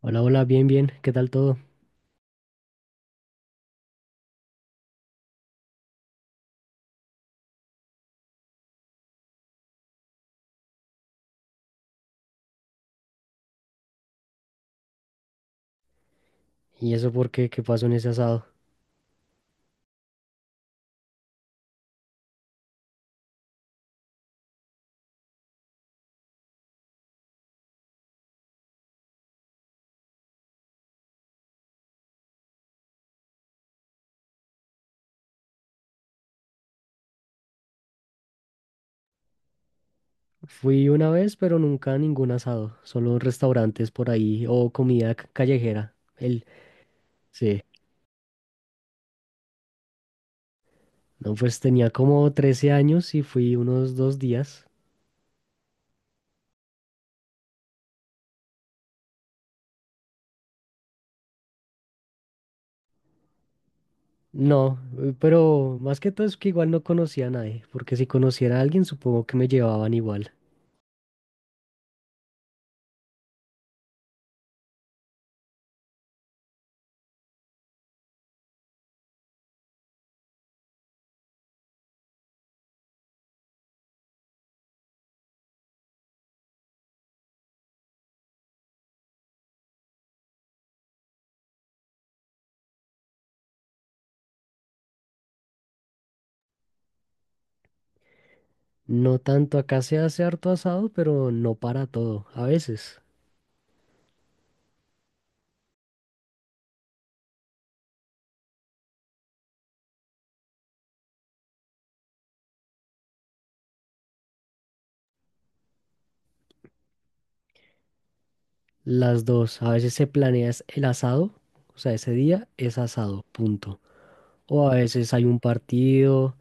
Hola, hola, bien, bien, ¿qué tal todo? ¿Y eso por qué? ¿Qué pasó en ese asado? Fui una vez, pero nunca a ningún asado, solo restaurantes por ahí o comida callejera. Sí, no, pues tenía como 13 años y fui unos 2 días. No, pero más que todo es que igual no conocía a nadie, porque si conociera a alguien supongo que me llevaban igual. No tanto, acá se hace harto asado, pero no para todo, a veces. Las dos, a veces se planea es el asado, o sea, ese día es asado, punto. O a veces hay un partido,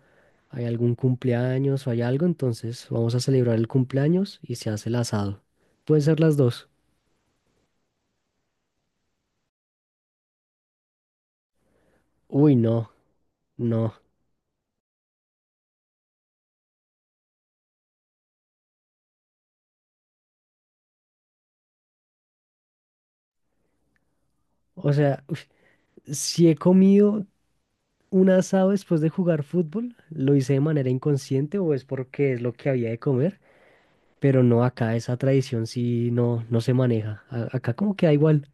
hay algún cumpleaños o hay algo, entonces vamos a celebrar el cumpleaños y se hace el asado. Pueden ser las dos. Uy, no, no. O sea, uf, si he comido un asado después de jugar fútbol, lo hice de manera inconsciente o es porque es lo que había de comer, pero no acá esa tradición sí no, no se maneja. Acá como que da igual.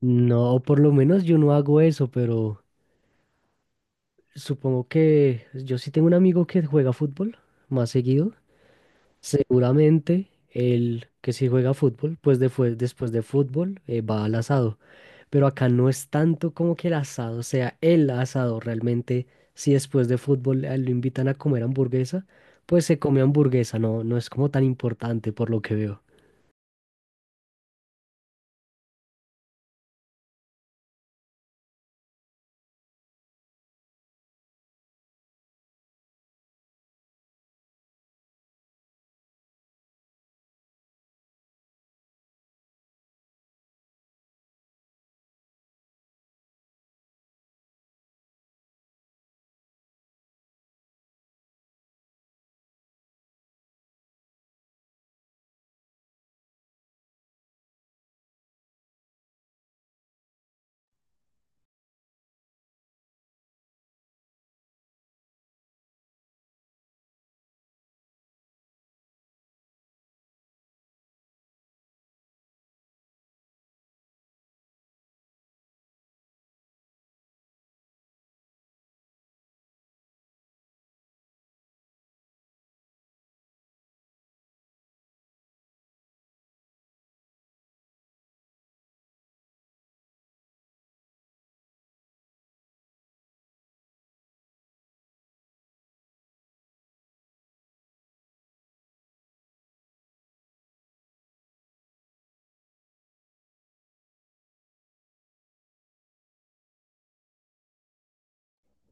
No, por lo menos yo no hago eso, pero supongo que yo sí tengo un amigo que juega fútbol más seguido. Seguramente él que sí juega fútbol, pues después, después de fútbol va al asado. Pero acá no es tanto como que el asado sea el asado. Realmente, si después de fútbol lo invitan a comer hamburguesa, pues se come hamburguesa. No, no es como tan importante por lo que veo.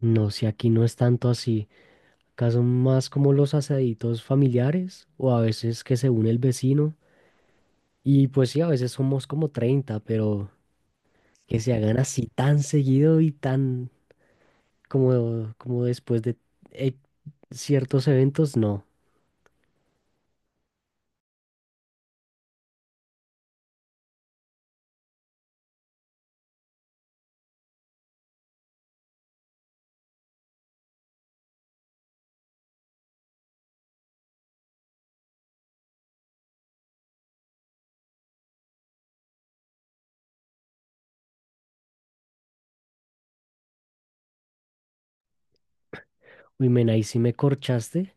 No, si aquí no es tanto así. Acá son más como los asaditos familiares o a veces que se une el vecino. Y pues sí, a veces somos como 30, pero que se hagan así tan seguido y tan como después de eh, ciertos eventos, no. Uy, men, ahí sí me corchaste.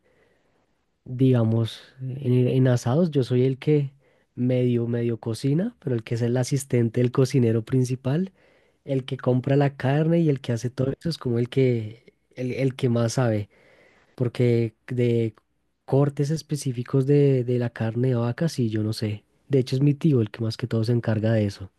Digamos, en asados yo soy el que medio, medio cocina, pero el que es el asistente, el cocinero principal, el que compra la carne y el que hace todo eso es como el que más sabe. Porque de cortes específicos de la carne de vaca, sí, yo no sé. De hecho, es mi tío el que más que todo se encarga de eso.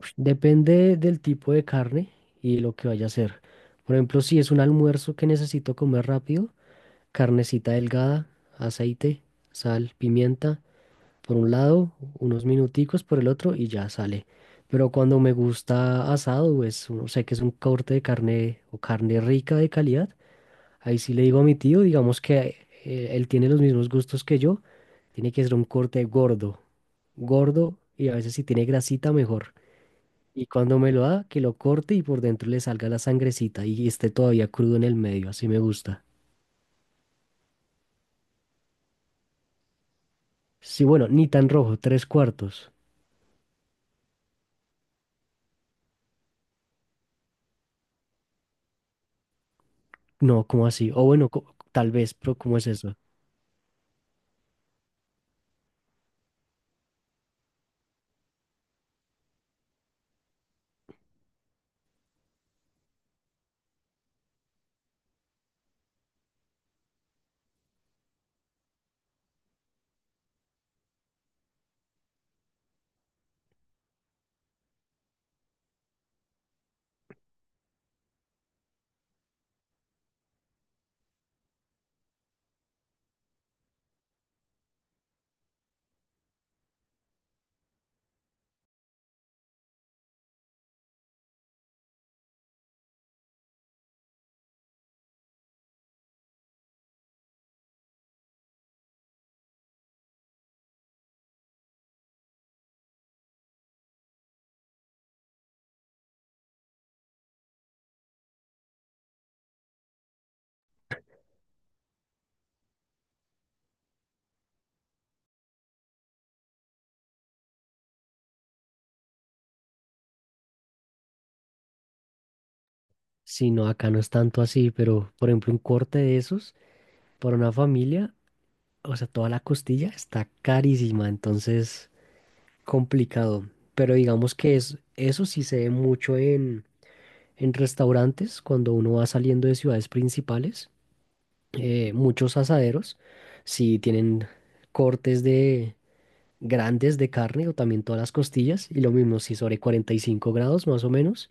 Ush, depende del tipo de carne y lo que vaya a hacer. Por ejemplo, si es un almuerzo que necesito comer rápido, carnecita delgada, aceite, sal, pimienta, por un lado, unos minuticos por el otro y ya sale. Pero cuando me gusta asado, pues uno sé que es un corte de carne o carne rica de calidad. Ahí sí le digo a mi tío, digamos que él tiene los mismos gustos que yo, tiene que ser un corte gordo, gordo, y a veces si tiene grasita mejor. Y cuando me lo da, que lo corte y por dentro le salga la sangrecita y esté todavía crudo en el medio, así me gusta. Sí, bueno, ni tan rojo, tres cuartos. No, ¿cómo así? O bueno, tal vez, pero ¿cómo es eso? Sí, no, acá no es tanto así, pero por ejemplo, un corte de esos para una familia, o sea, toda la costilla está carísima, entonces complicado, pero digamos que es, eso sí se ve mucho en restaurantes cuando uno va saliendo de ciudades principales. Muchos asaderos sí tienen cortes de grandes de carne o también todas las costillas y lo mismo si sobre 45 grados más o menos,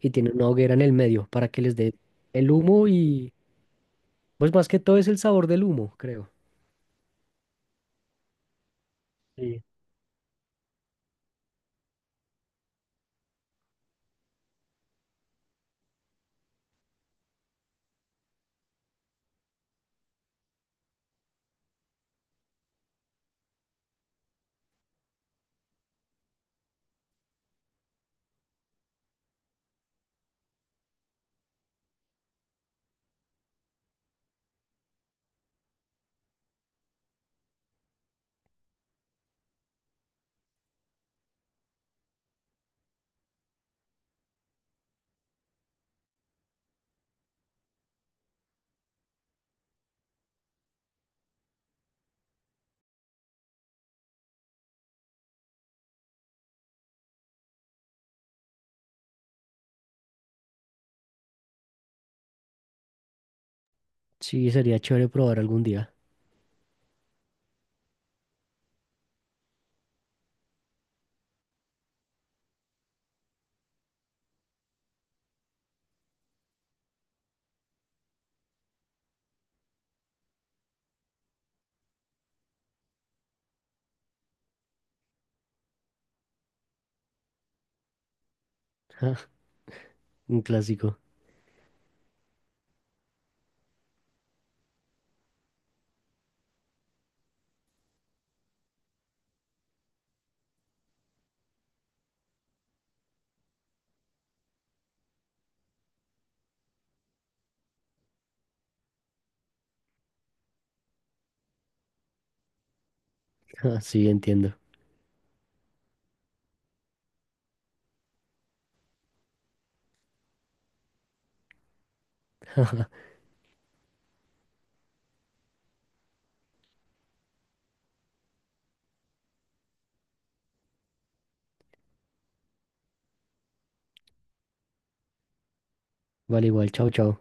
y tienen una hoguera en el medio para que les dé el humo, y pues más que todo es el sabor del humo, creo. Sí, sí, sería chévere probar algún día. Un clásico. Sí, entiendo. Vale, igual, chao, chao.